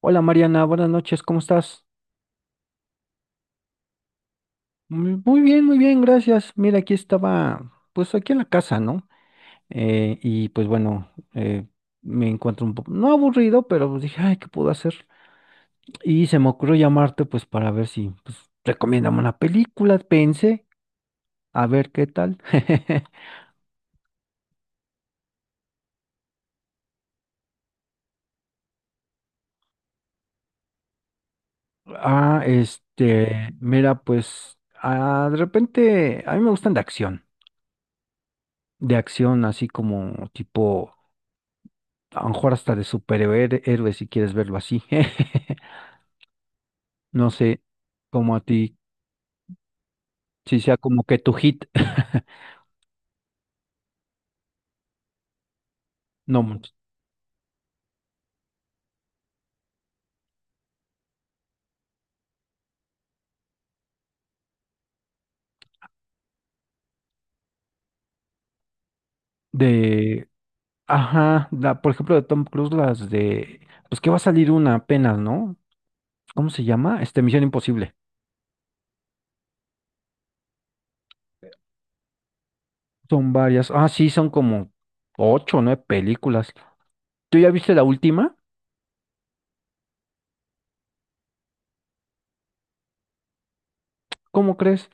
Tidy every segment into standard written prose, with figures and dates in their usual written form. Hola Mariana, buenas noches, ¿cómo estás? Muy muy bien, gracias. Mira, aquí estaba, pues aquí en la casa, ¿no? Y pues bueno, me encuentro un poco, no aburrido, pero pues dije, ay, ¿qué puedo hacer? Y se me ocurrió llamarte, pues para ver si, pues, recomiéndame una película, pensé, a ver qué tal. Mira, pues, de repente, a mí me gustan de acción así como tipo a lo mejor hasta de superhéroe si quieres verlo así. No sé, como a ti, si sea como que tu hit, no, mucho. de, ajá, la, por ejemplo, de Tom Cruise, las de, pues que va a salir una apenas, ¿no? ¿Cómo se llama? Este, Misión Imposible. Son varias, ah, sí, son como ocho o nueve películas. ¿Tú ya viste la última? ¿Cómo crees?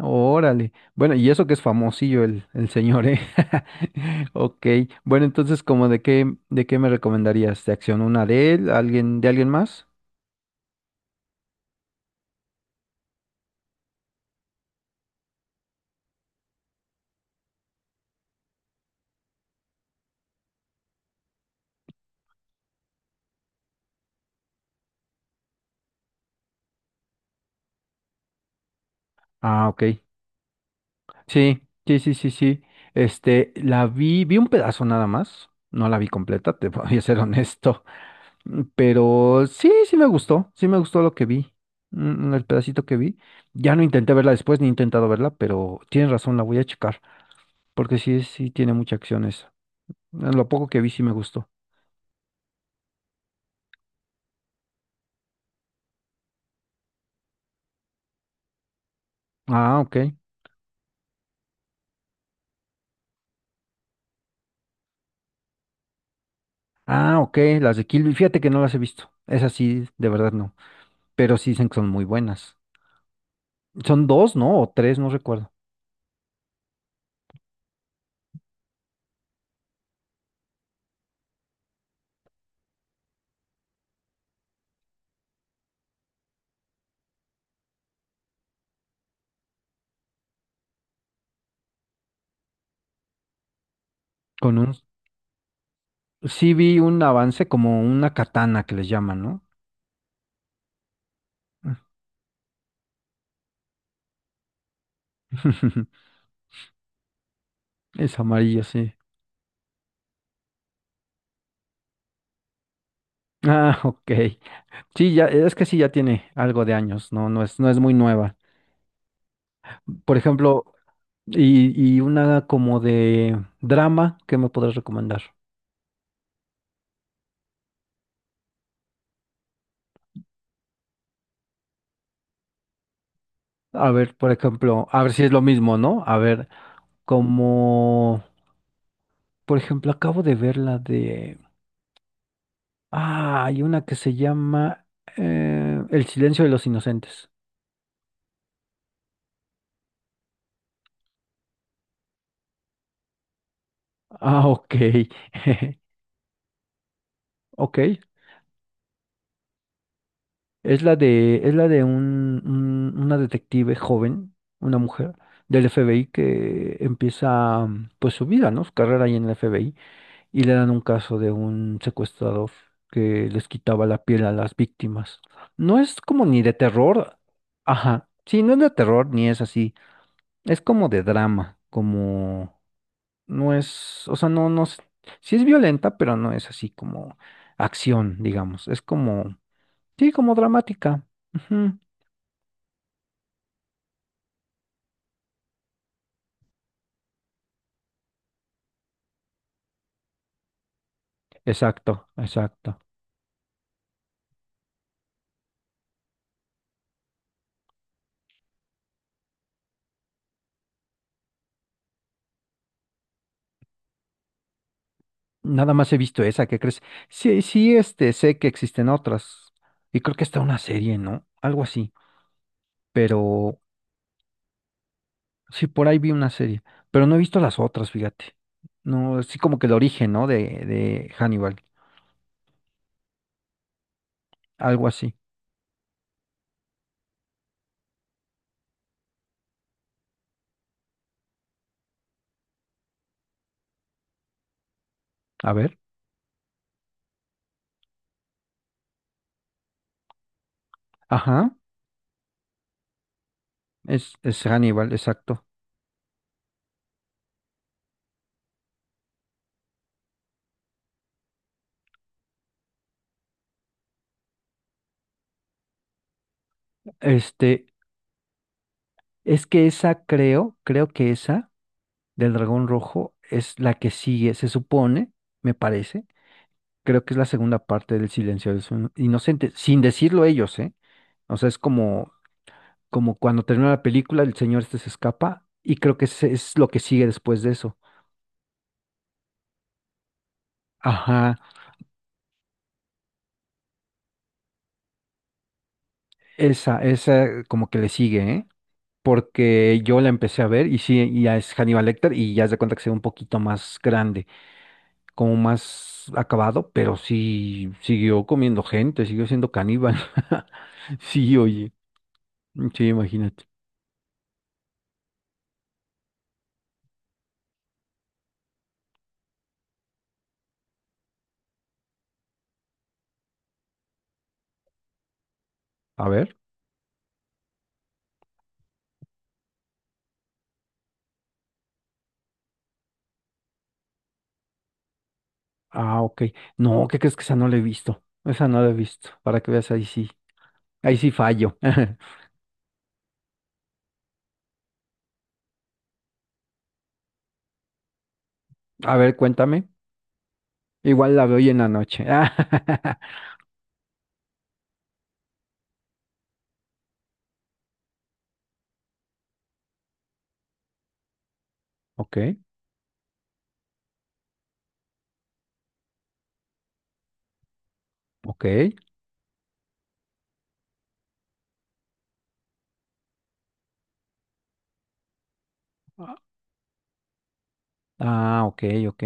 Órale. Bueno, y eso que es famosillo el señor, ¿eh? Ok. Bueno, entonces, ¿como de qué me recomendarías? ¿De acción una de él? ¿Alguien, de alguien más? Ah, ok. Sí, sí, sí, sí, sí. Este, la vi un pedazo nada más. No la vi completa, te voy a ser honesto. Mm. Pero sí, sí me gustó. Sí me gustó lo que vi. Mm, el pedacito que vi. Ya no intenté verla después, ni he intentado verla, pero tienes razón, la voy a checar. Porque sí, sí tiene mucha acción. Lo poco que vi sí me gustó. Ah, ok. Ah, ok. Las de Kill Bill. Fíjate que no las he visto. Esas sí, de verdad no. Pero sí dicen que son muy buenas. Son dos, ¿no? O tres, no recuerdo. Con un... Sí vi un avance como una katana que les llaman, ¿no? Es amarillo, sí. Ah, ok. Sí, ya, es que sí, ya tiene algo de años, no, no es muy nueva. Por ejemplo, y una como de drama, ¿qué me podrás recomendar? A ver, por ejemplo, a ver si es lo mismo, ¿no? A ver, como, por ejemplo, acabo de ver la de... Ah, hay una que se llama El silencio de los inocentes. Ah, ok. Ok. Es la de un, una detective joven, una mujer del FBI que empieza pues su vida, ¿no? Su carrera ahí en el FBI y le dan un caso de un secuestrador que les quitaba la piel a las víctimas. No es como ni de terror. Ajá. Sí, no es de terror ni es así. Es como de drama, como no es, o sea, no, no, sí es violenta, pero no es así como acción, digamos. Es como, sí, como dramática. Ujú. Exacto, exacto. Nada más he visto esa, ¿qué crees? Sí, sí, este, sé que existen otras. Y creo que está una serie, ¿no? Algo así. Pero sí, por ahí vi una serie. Pero no he visto las otras, fíjate. No, sí como que el origen, ¿no? De Hannibal. Algo así. A ver. Ajá. Es Hannibal, exacto. Este, es que esa creo que esa del Dragón Rojo es la que sigue, se supone, me parece. Creo que es la segunda parte del Silencio de los Inocentes, sin decirlo ellos, ¿eh? O sea, es como, como cuando termina la película, el señor este se escapa y creo que ese es lo que sigue después de eso. Ajá, esa como que le sigue, ¿eh? Porque yo la empecé a ver y sí, y ya es Hannibal Lecter y ya se da cuenta que se ve un poquito más grande, como más acabado, pero sí siguió comiendo gente, siguió siendo caníbal. Sí, oye, sí, imagínate. A ver, ah, ok. No, ¿qué crees que esa no la he visto? Esa no la he visto, para que veas, ahí sí fallo. A ver, cuéntame. Igual la veo hoy en la noche. Ok, ok. Ah, ok, ok.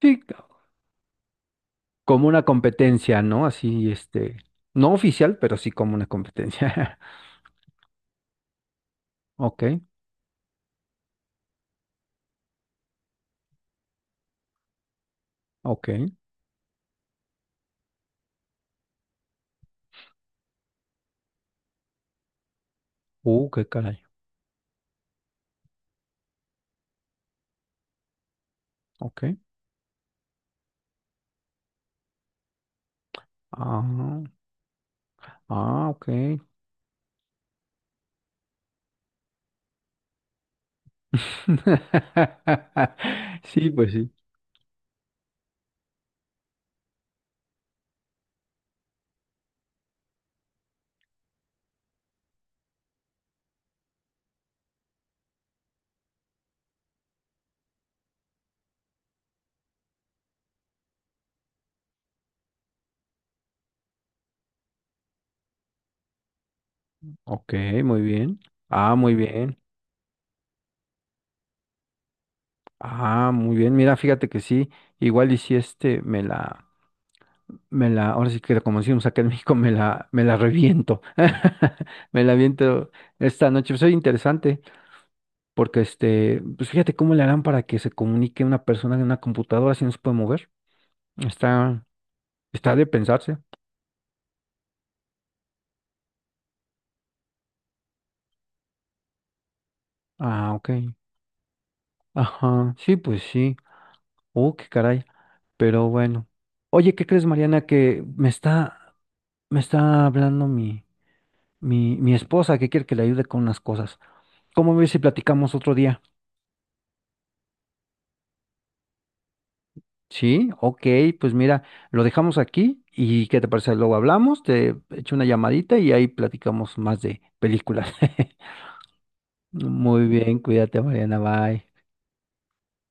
Sí, como una competencia, ¿no? Así, este, no oficial, pero sí como una competencia. Ok, ok. Qué caray. Ok. Ah, ah, ok. Sí, pues sí. Ok, muy bien. Ah, muy bien. Ah, muy bien. Mira, fíjate que sí. Igual y si este ahora sí que como decimos acá en México, me la reviento. Me la reviento esta noche. Soy interesante, porque este, pues fíjate cómo le harán para que se comunique una persona en una computadora si no se puede mover. Está, está de pensarse. Ah, ok. Ajá. Sí, pues sí. Oh, qué caray. Pero bueno. Oye, ¿qué crees, Mariana? Que me está hablando mi, mi esposa que quiere que le ayude con unas cosas. ¿Cómo ves si platicamos otro día? Sí, ok, pues mira, lo dejamos aquí y ¿qué te parece? Luego hablamos, te echo una llamadita y ahí platicamos más de películas. Muy bien, cuídate, Mariana, bye.